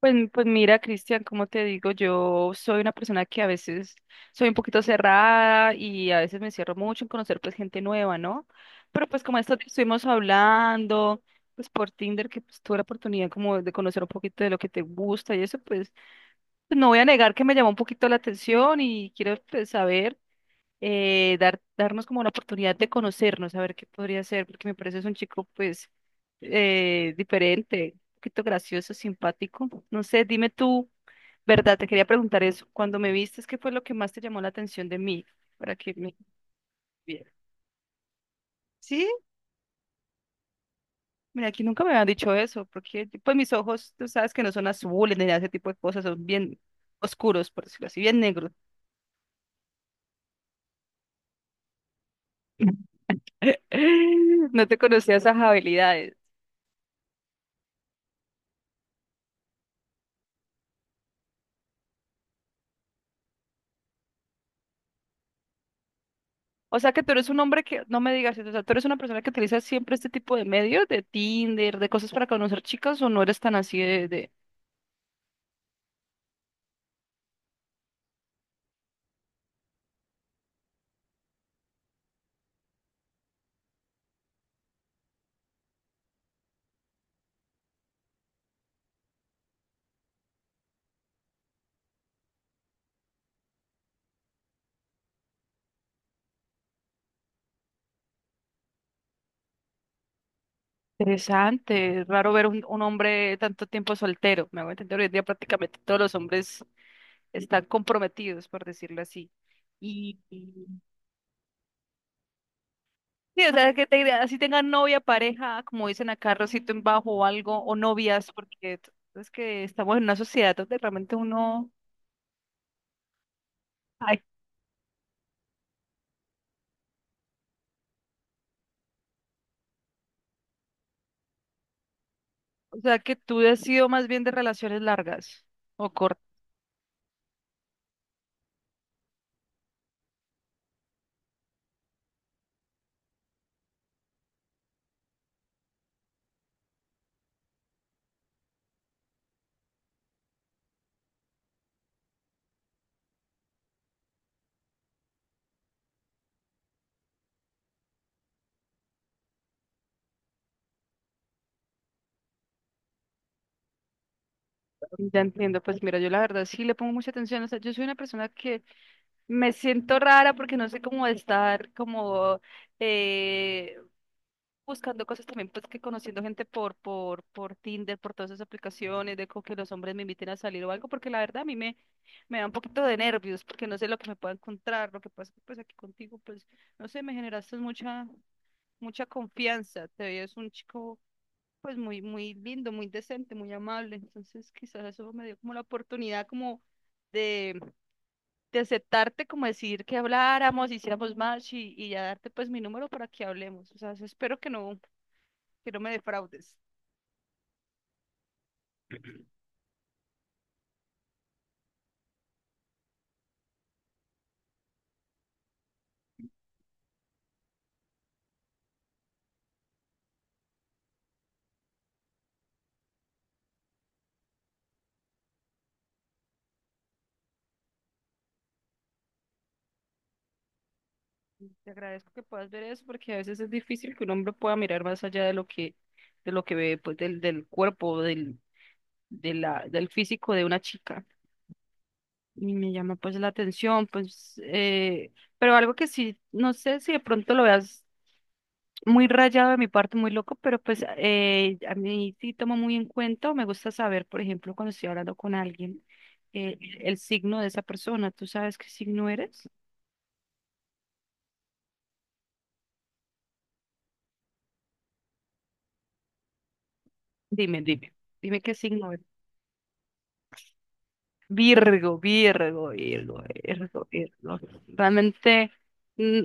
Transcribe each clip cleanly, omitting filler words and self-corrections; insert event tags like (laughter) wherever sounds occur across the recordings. Pues mira, Cristian, como te digo, yo soy una persona que a veces soy un poquito cerrada y a veces me cierro mucho en conocer pues gente nueva, ¿no? Pero pues como esto que estuvimos hablando, pues por Tinder, que pues, tuve la oportunidad como de conocer un poquito de lo que te gusta y eso, pues, pues no voy a negar que me llamó un poquito la atención y quiero pues, saber darnos como la oportunidad de conocernos, a ver qué podría ser, porque me parece es un chico pues diferente, un poquito gracioso, simpático. No sé, dime tú, ¿verdad? Te quería preguntar eso. Cuando me vistes, ¿qué fue lo que más te llamó la atención de mí? Para que me viera. Sí, mira, aquí nunca me habían dicho eso, porque pues mis ojos, tú sabes que no son azules ni nada de ese tipo de cosas, son bien oscuros, por decirlo así, bien negros. (laughs) No te conocía esas habilidades. O sea que tú eres un hombre que, no me digas eso, o sea, tú eres una persona que utiliza siempre este tipo de medios, de Tinder, de cosas para conocer chicas, o no eres tan así de. Interesante, es raro ver un hombre tanto tiempo soltero, me hago entender, hoy en día prácticamente todos los hombres están comprometidos, por decirlo así. Y. Sí, o sea, que te- así tengan novia, pareja, como dicen acá, rosito en bajo o algo, o novias, porque t- es que estamos en una sociedad donde realmente uno... O sea, que tú has sido más bien de relaciones largas o cortas. Ya entiendo, pues mira, yo la verdad sí le pongo mucha atención. O sea, yo soy una persona que me siento rara porque no sé cómo estar como eh, buscando cosas también, pues que conociendo gente por Tinder, por todas esas aplicaciones, de como que los hombres me inviten a salir o algo, porque la verdad a me da un poquito de nervios porque no sé lo que me pueda encontrar. Lo que pasa es que pues aquí contigo, pues no sé, me generaste mucha confianza. Te veías un chico pues muy lindo, muy decente, muy amable. Entonces quizás eso me dio como la oportunidad como de, de aceptarte, como decir que habláramos, hiciéramos match y ya darte pues mi número para que hablemos. O sea, eso espero que no me defraudes. Y te agradezco que puedas ver eso porque a veces es difícil que un hombre pueda mirar más allá de lo que ve pues del cuerpo, del, de la, del físico de una chica. Y me llama pues la atención, pues, pero algo que sí, no sé si de pronto lo veas muy rayado de mi parte, muy loco, pero pues a mí sí tomo muy en cuenta, me gusta saber, por ejemplo, cuando estoy hablando con alguien, el signo de esa persona. ¿Tú sabes qué signo eres? Dime, dime, dime qué signo Virgo, Virgo, Virgo, Virgo, Virgo. Realmente, mm,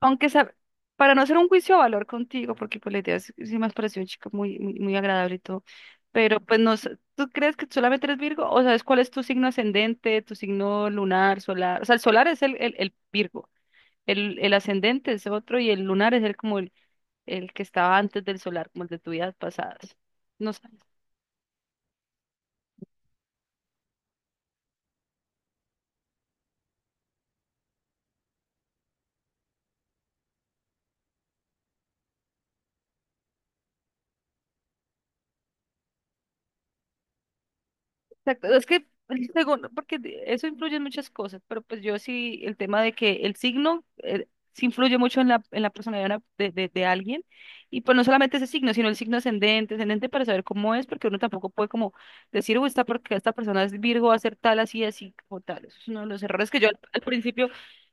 aunque sea, para no hacer un juicio de valor contigo, porque pues la idea sí, sí me has parecido chica muy agradable y todo, pero pues no sé, ¿tú crees que solamente eres Virgo? ¿O sabes cuál es tu signo ascendente, tu signo lunar, solar? O sea, el solar es el Virgo, el ascendente es otro y el lunar es el como el que estaba antes del solar, como el de tu vida pasadas. No sé. Exacto, es que el segundo, porque de- eso influye en muchas cosas, pero pues yo sí, el tema de que el signo sí influye mucho en en la personalidad de, una- de de alguien, y pues no solamente ese signo, sino el signo ascendente para saber cómo es, porque uno tampoco puede como decir, uy, esta porque esta persona es Virgo, va a ser tal, así, así, como tal. Eso es uno de los errores que yo al principio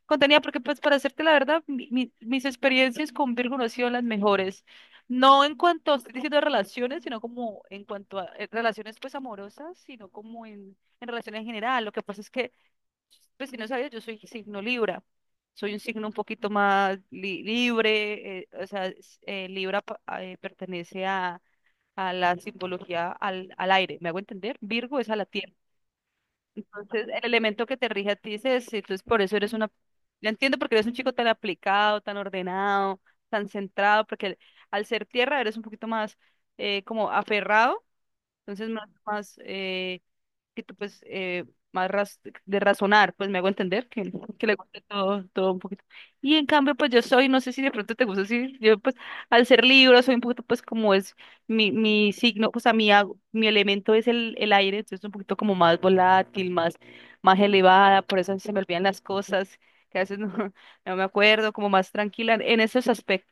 contenía, porque pues para hacerte la verdad, mi- mi- mis experiencias con Virgo no han sido las mejores. No en cuanto a, estoy diciendo relaciones, sino como en cuanto a relaciones pues amorosas, sino como en relaciones en general. Lo que pasa es que, pues si no sabías, yo soy signo Libra. Soy un signo un poquito más li- libre, o sea, es- Libra pa- a- pertenece a la simbología al, al aire, ¿me hago entender? Virgo es a la tierra. Entonces, el elemento que te rige a ti es ese, entonces por eso eres una, yo entiendo porque eres un chico tan aplicado, tan ordenado, tan centrado, porque al, al ser tierra eres un poquito más como aferrado, entonces más que tú, pues, más raz- de razonar, pues me hago entender que le gusta todo, todo un poquito. Y en cambio, pues yo soy, no sé si de pronto te gusta así, yo pues al ser Libra soy un poquito pues como es mi signo, o sea, mi, ag- mi elemento es el aire, entonces un poquito como más volátil, más, más elevada, por eso se me olvidan las cosas, que a veces no, (laughs) no me acuerdo, como más tranquila en esos aspectos.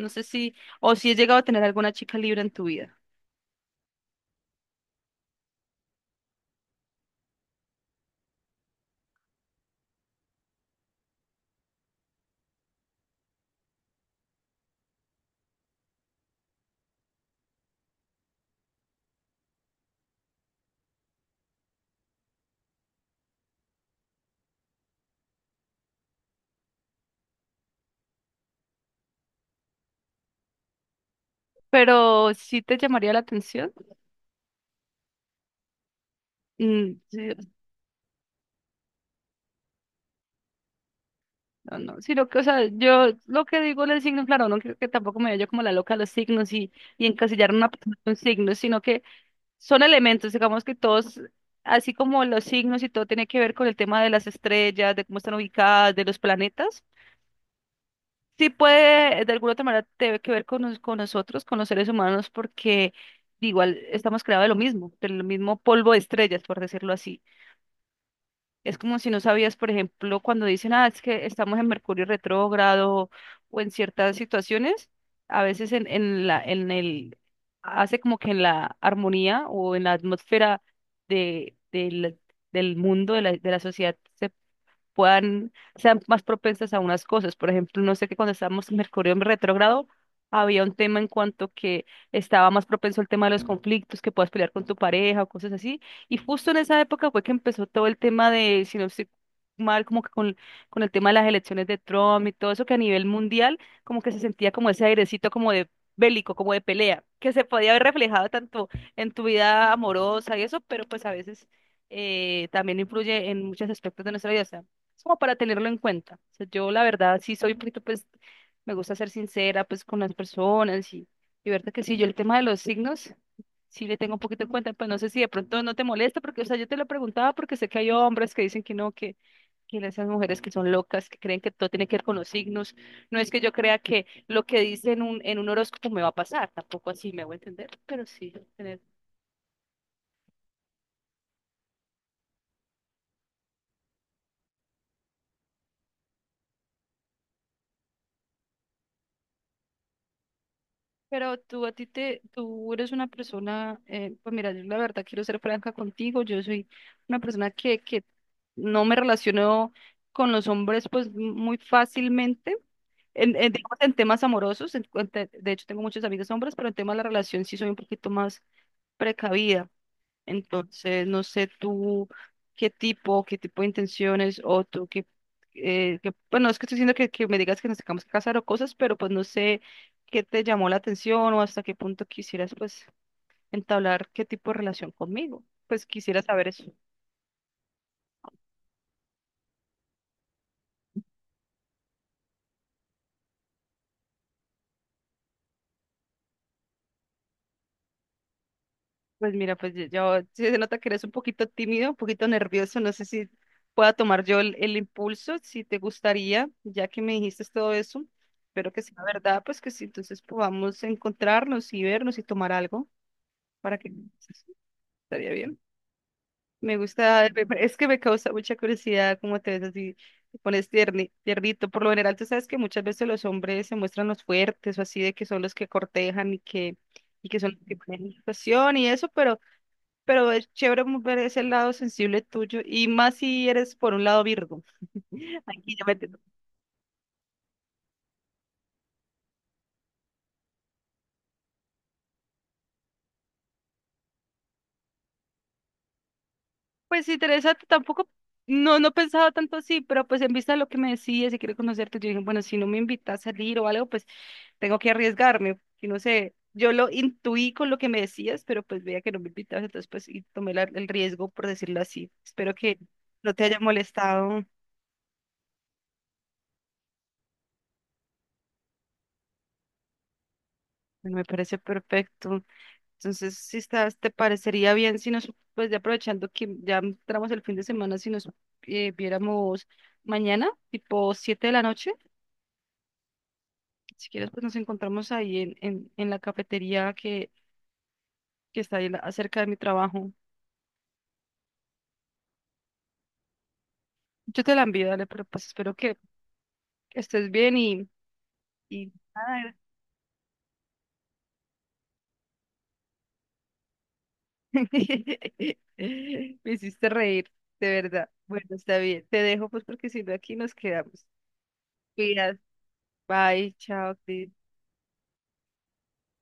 No sé si, o si he llegado a tener alguna chica Libra en tu vida, pero sí te llamaría la atención. Mm, sí. No, no, sino que, o sea, yo lo que digo del signo, claro, no creo que tampoco me vaya como la loca a los signos y encasillar una persona en un signo, sino que son elementos, digamos que todos, así como los signos y todo tiene que ver con el tema de las estrellas, de cómo están ubicadas, de los planetas, sí puede, de alguna otra manera, tiene que ver con, nos- con nosotros, con los seres humanos, porque igual estamos creados de lo mismo, del mismo polvo de estrellas, por decirlo así. Es como si no sabías, por ejemplo, cuando dicen, ah, es que estamos en Mercurio retrógrado o en ciertas situaciones, a veces en el, hace como que en la armonía o en la atmósfera de, del, del mundo, de la sociedad, se puedan, sean más propensas a unas cosas. Por ejemplo, no sé que cuando estábamos en Mercurio en retrógrado, había un tema en cuanto que estaba más propenso el tema de los conflictos, que puedas pelear con tu pareja o cosas así. Y justo en esa época fue que empezó todo el tema de, si no estoy mal, como que con el tema de las elecciones de Trump y todo eso, que a nivel mundial como que se sentía como ese airecito como de bélico, como de pelea, que se podía haber reflejado tanto en tu vida amorosa y eso, pero pues a veces también influye en muchos aspectos de nuestra vida es como para tenerlo en cuenta. O sea, yo la verdad sí soy un poquito, pues, me gusta ser sincera, pues, con las personas y verdad que sí, yo el tema de los signos, sí le tengo un poquito en cuenta, pues no sé si de pronto no te molesta, porque, o sea, yo te lo preguntaba porque sé que hay hombres que dicen que no, que esas mujeres que son locas, que creen que todo tiene que ver con los signos. No es que yo crea que lo que dice en un horóscopo me va a pasar, tampoco así me voy a entender, pero sí, tener. Pero tú a ti te, tú eres una persona, pues mira, yo la verdad quiero ser franca contigo, yo soy una persona que no me relaciono con los hombres pues muy fácilmente, en, digamos, en temas amorosos, en te- de hecho tengo muchos amigos hombres, pero en temas de la relación sí soy un poquito más precavida. Entonces, no sé tú qué tipo de intenciones o tú qué, qué- bueno, es que estoy diciendo que me digas que nos tengamos que casar o cosas, pero pues no sé qué te llamó la atención o hasta qué punto quisieras pues entablar qué tipo de relación conmigo. Pues quisiera saber eso. Pues mira, pues yo- sí se nota que eres un poquito tímido, un poquito nervioso. No sé si pueda tomar yo el impulso, si te gustaría, ya que me dijiste todo eso. Espero que sea verdad, pues que sí, entonces podamos encontrarnos y vernos y tomar algo para que estaría bien. Me gusta, me- me- es que me causa mucha curiosidad cómo te ves así, te pones tierni- tiernito. Por lo general, tú sabes que muchas veces los hombres se muestran los fuertes o así, de que son los que cortejan y que son los que ponen situación y eso, pero. Pero es chévere mu- ver ese lado sensible tuyo y más si eres por un lado Virgo. (laughs) Aquí yo me entiendo. Pues interesante, tampoco, no, no pensaba tanto así, pero pues en vista de lo que me decías si quiero conocerte, yo dije, bueno, si no me invitas a salir o algo, pues tengo que arriesgarme, y no sé, yo lo intuí con lo que me decías, pero pues veía que no me invitabas, entonces pues y tomé la- el riesgo, por decirlo así. Espero que no te haya molestado, me parece perfecto. Entonces, si estás, te parecería bien si nos, pues ya aprovechando que ya entramos el fin de semana, si nos viéramos mañana, tipo 7 de la noche, si quieres, pues nos encontramos ahí en la cafetería que está ahí la- cerca de mi trabajo. Yo te la envío, dale, pero pues espero que estés bien y nada. (laughs) Me hiciste reír, de verdad. Bueno, está bien. Te dejo pues porque si no aquí nos quedamos. Cuidas. Bye, chao, Cris.